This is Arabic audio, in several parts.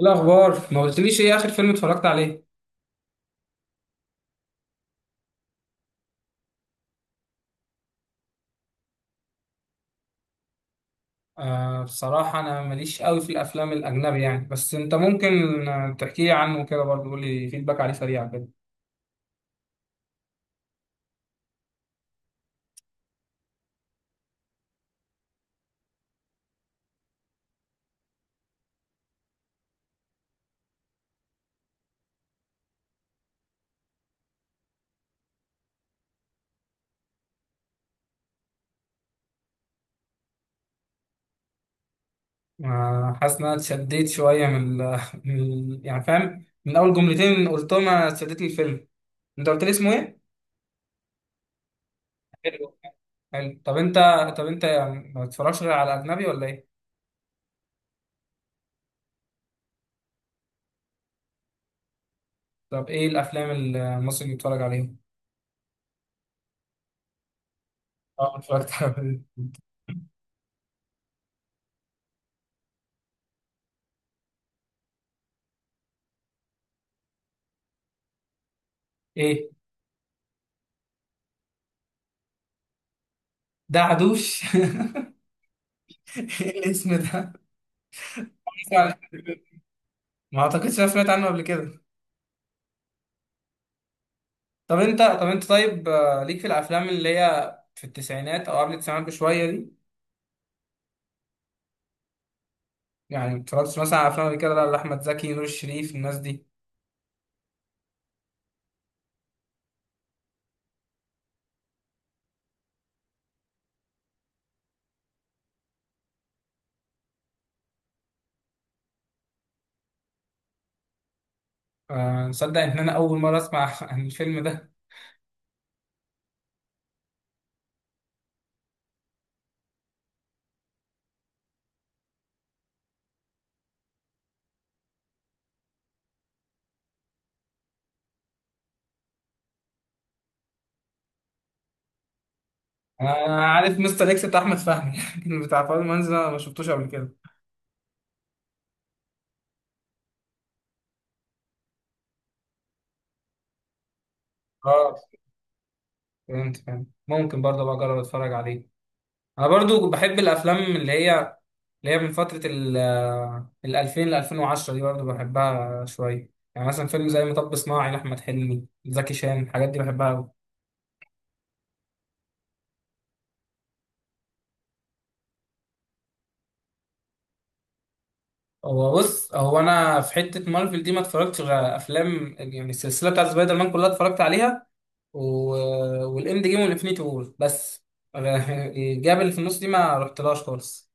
الأخبار ما قلتليش إيه آخر فيلم اتفرجت عليه؟ آه، بصراحة أنا ماليش قوي في الأفلام الأجنبي يعني. بس أنت ممكن تحكي لي عنه كده برضه، قول لي فيدباك عليه سريع كده. آه، حاسس إن أنا اتشديت شوية يعني فاهم، من أول جملتين قلتهم أنا اتشدت لي الفيلم. أنت قلت لي اسمه إيه؟ حلو. حلو، طب أنت يعني ما بتتفرجش غير على أجنبي ولا إيه؟ طب إيه الأفلام المصري اللي بتتفرج عليها؟ أه، اتفرجت على إيه؟ ده عدوش؟ إيه الاسم ده؟ يعني ما اعتقدش انا سمعت عنه قبل كده. طب انت طيب، ليك في الافلام اللي هي في التسعينات او قبل التسعينات بشويه دي؟ يعني ما اتفرجتش مثلا على افلام قبل كده لا، لاحمد زكي، نور الشريف، الناس دي. آه، نصدق ان انا اول مره اسمع عن الفيلم ده. انا عارف مستر اكس بتاع احمد فهمي لكن بتاع فاضل منزل أنا ما شفتوش قبل كده. اه، فهمت فهمت. ممكن برضه بقى اجرب اتفرج عليه. انا برضو بحب الافلام اللي هي من فتره ال 2000 ل 2010 دي، برضو بحبها شويه. يعني مثلا فيلم زي مطب صناعي لاحمد حلمي، زكي شان، الحاجات دي بحبها قوي. هو بص، انا في حته مارفل دي ما اتفرجتش غير افلام يعني السلسله بتاعت سبايدر مان كلها اتفرجت عليها، و... والاند جيم والانفينيتي وور بس. الجاب اللي في النص دي ما رحتلهاش خالص.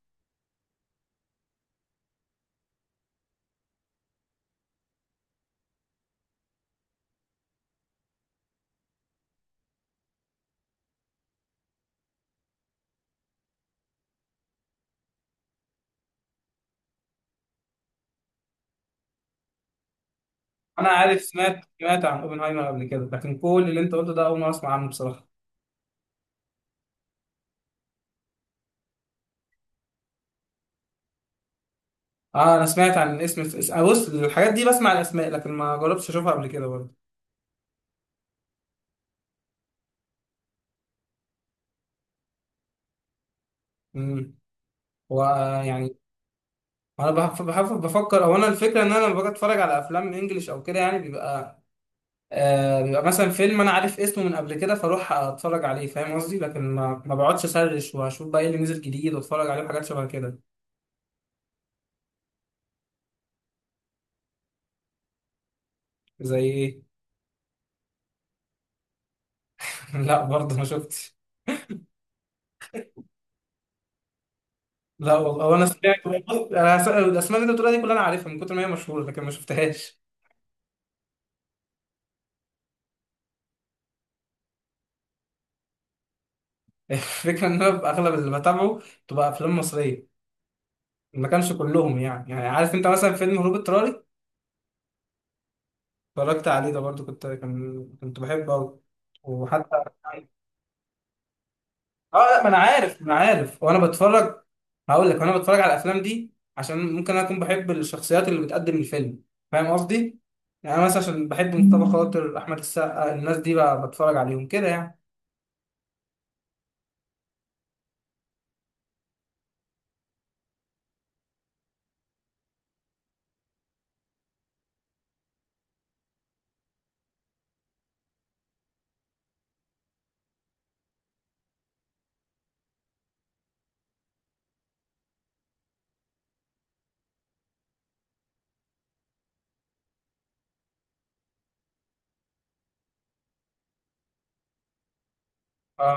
انا عارف، سمعت عن اوبنهايمر قبل كده، لكن كل اللي انت قلته ده اول مره اسمع عنه بصراحه. اه، انا سمعت عن الاسم. بص، الحاجات دي بسمع الاسماء لكن ما جربتش اشوفها قبل كده برضه. امم هو يعني انا بفكر، او انا الفكره ان انا لما باجي اتفرج على افلام انجليش او كده يعني بيبقى مثلا فيلم انا عارف اسمه من قبل كده، فاروح اتفرج عليه، فاهم قصدي؟ لكن ما بقعدش اسرش واشوف بقى ايه اللي نزل جديد واتفرج عليه، حاجات شبه كده. زي ايه؟ لا، برضه ما شفتش. لا والله، هو انا سمعت. الاسماء اللي انت بتقولها دي كلها انا عارفها من كتر ما هي مشهوره، لكن ما شفتهاش. الفكره ان انا اغلب اللي بتابعه تبقى افلام مصريه. ما كانش كلهم يعني عارف انت مثلا فيلم هروب اضطراري؟ اتفرجت عليه، ده برضو كنت بحبه قوي. وحتى اه، لا، ما انا عارف وانا بتفرج. هقول لك، وانا بتفرج على الافلام دي عشان ممكن انا اكون بحب الشخصيات اللي بتقدم الفيلم، فاهم قصدي؟ يعني انا مثلا عشان بحب مصطفى خاطر، احمد السقا، الناس دي بقى بتفرج عليهم كده يعني. اه،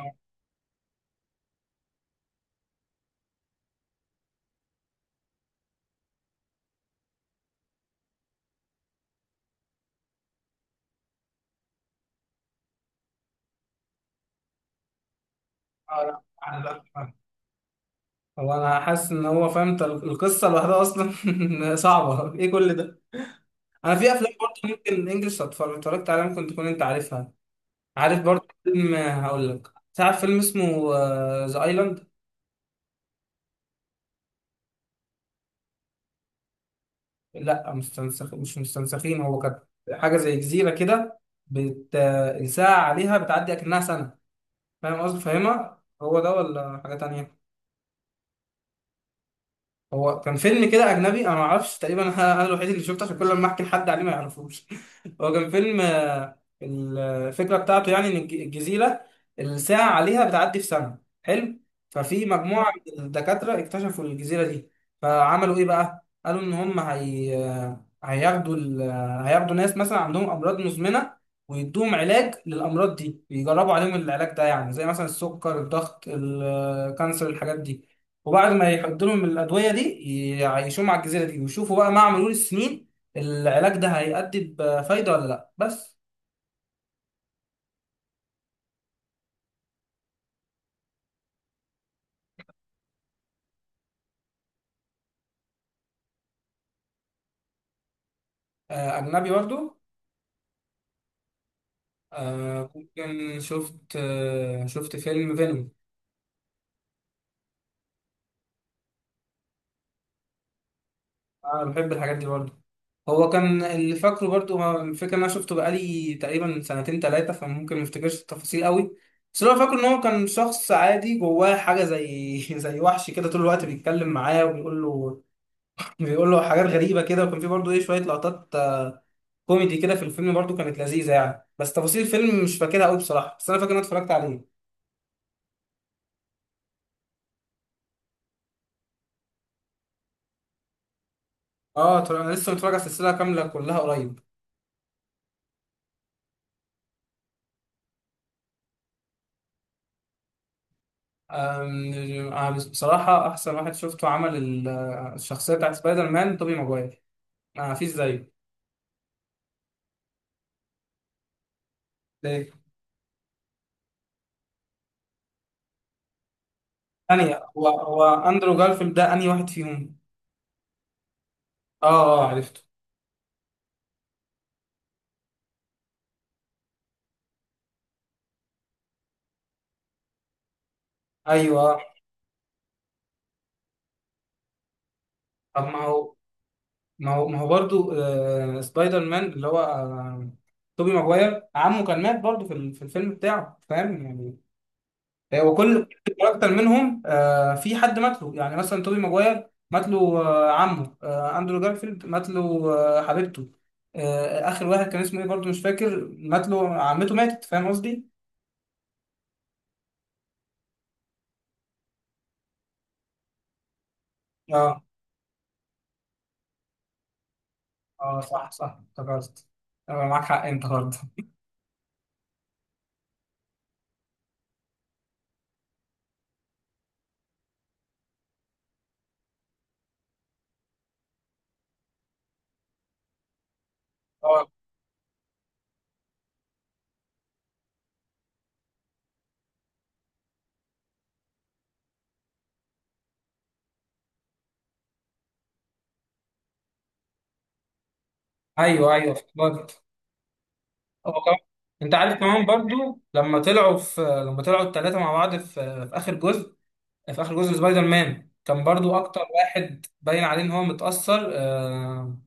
اه، لا، هو انا حاسس ان هو فهمت القصه لوحدها اصلا. صعبه ايه كل ده! انا في افلام برضه ممكن انجلش اتفرجت عليها ممكن تكون انت عارفها. عارف برضه فيلم، هقول لك، تعرف فيلم اسمه ذا ايلاند؟ لا، مستنسخ مش مستنسخين. هو كانت حاجه زي جزيره كده، بت... الساعه عليها بتعدي اكنها سنه. فاهم قصدي؟ فاهمها هو ده ولا حاجه تانية؟ هو كان فيلم كده اجنبي انا ما اعرفش، تقريبا انا الوحيد اللي شفته عشان كل ما احكي لحد عليه ما يعرفوش. هو كان فيلم، الفكره بتاعته يعني ان الجزيره الساعه عليها بتعدي في سنه، حلو. ففي مجموعه من الدكاتره اكتشفوا الجزيره دي، فعملوا ايه بقى، قالوا ان هم هي هياخدوا ال... آه، هياخدوا ناس مثلا عندهم امراض مزمنه، ويدوهم علاج للامراض دي، ويجربوا عليهم العلاج ده يعني زي مثلا السكر، الضغط، الكانسر، الحاجات دي. وبعد ما يحط لهم الادويه دي، يعيشوهم على الجزيره دي ويشوفوا بقى مع مرور السنين العلاج ده هيأدي بفايده ولا لا، بس. آه، اجنبي برضو. ممكن شفت فيلم فينوم. انا بحب الحاجات دي برضو. هو كان اللي فاكره برضو، هو الفكره ان انا شفته بقالي تقريبا سنتين ثلاثه فممكن ما افتكرش التفاصيل قوي. بس اللي هو فاكره ان هو كان شخص عادي جواه حاجه زي زي وحش كده طول الوقت بيتكلم معاه وبيقول له بيقول له حاجات غريبه كده. وكان في برضو ايه، شويه لقطات كوميدي كده في الفيلم برضو كانت لذيذه يعني. بس تفاصيل الفيلم مش فاكرها قوي بصراحه، بس انا فاكر ان انا اتفرجت عليه. اه، طبعا انا لسه متفرج على السلسله كامله كلها قريب. بصراحه احسن واحد شفته عمل الشخصيه بتاعت سبايدر مان، توبي ماجواير. ما فيش زيه. ليه؟ ثانيه، هو اندرو جارفيلد ده انهي واحد فيهم؟ اه، اه، عرفته. ايوه. طب، ما هو برضو سبايدر مان اللي هو توبي ماجواير عمه كان مات برضو في الفيلم بتاعه، فاهم يعني؟ وكل كل كاركتر منهم في حد مات له. يعني مثلا توبي ماجواير مات له عمه، اندرو جارفيلد مات له حبيبته، اخر واحد كان اسمه ايه برضه مش فاكر، مات له عمته، ماتت، فاهم قصدي؟ اه، اه، صح صح، افتكرت. آه، معاك حق انت برضه. اه، ايوه، ايوه، افتكرت. هو كمان، انت عارف كمان برضه لما طلعوا الثلاثه مع بعض في اخر جزء. في اخر جزء سبايدر مان كان برضو اكتر واحد باين عليه ان هو متأثر،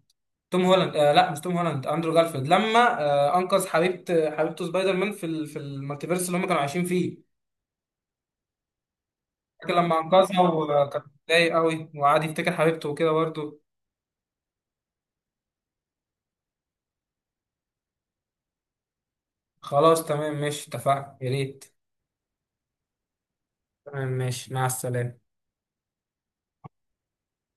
توم هولاند. لا، مش توم هولاند، اندرو جارفيلد لما انقذ حبيبته سبايدر مان في المالتيفيرس اللي هم كانوا عايشين فيه. فاكر لما انقذها وكان متضايق قوي وقعد يفتكر حبيبته وكده برضه. خلاص، تمام، ماشي، اتفقنا، يا ريت. تمام، ماشي، مع السلامه.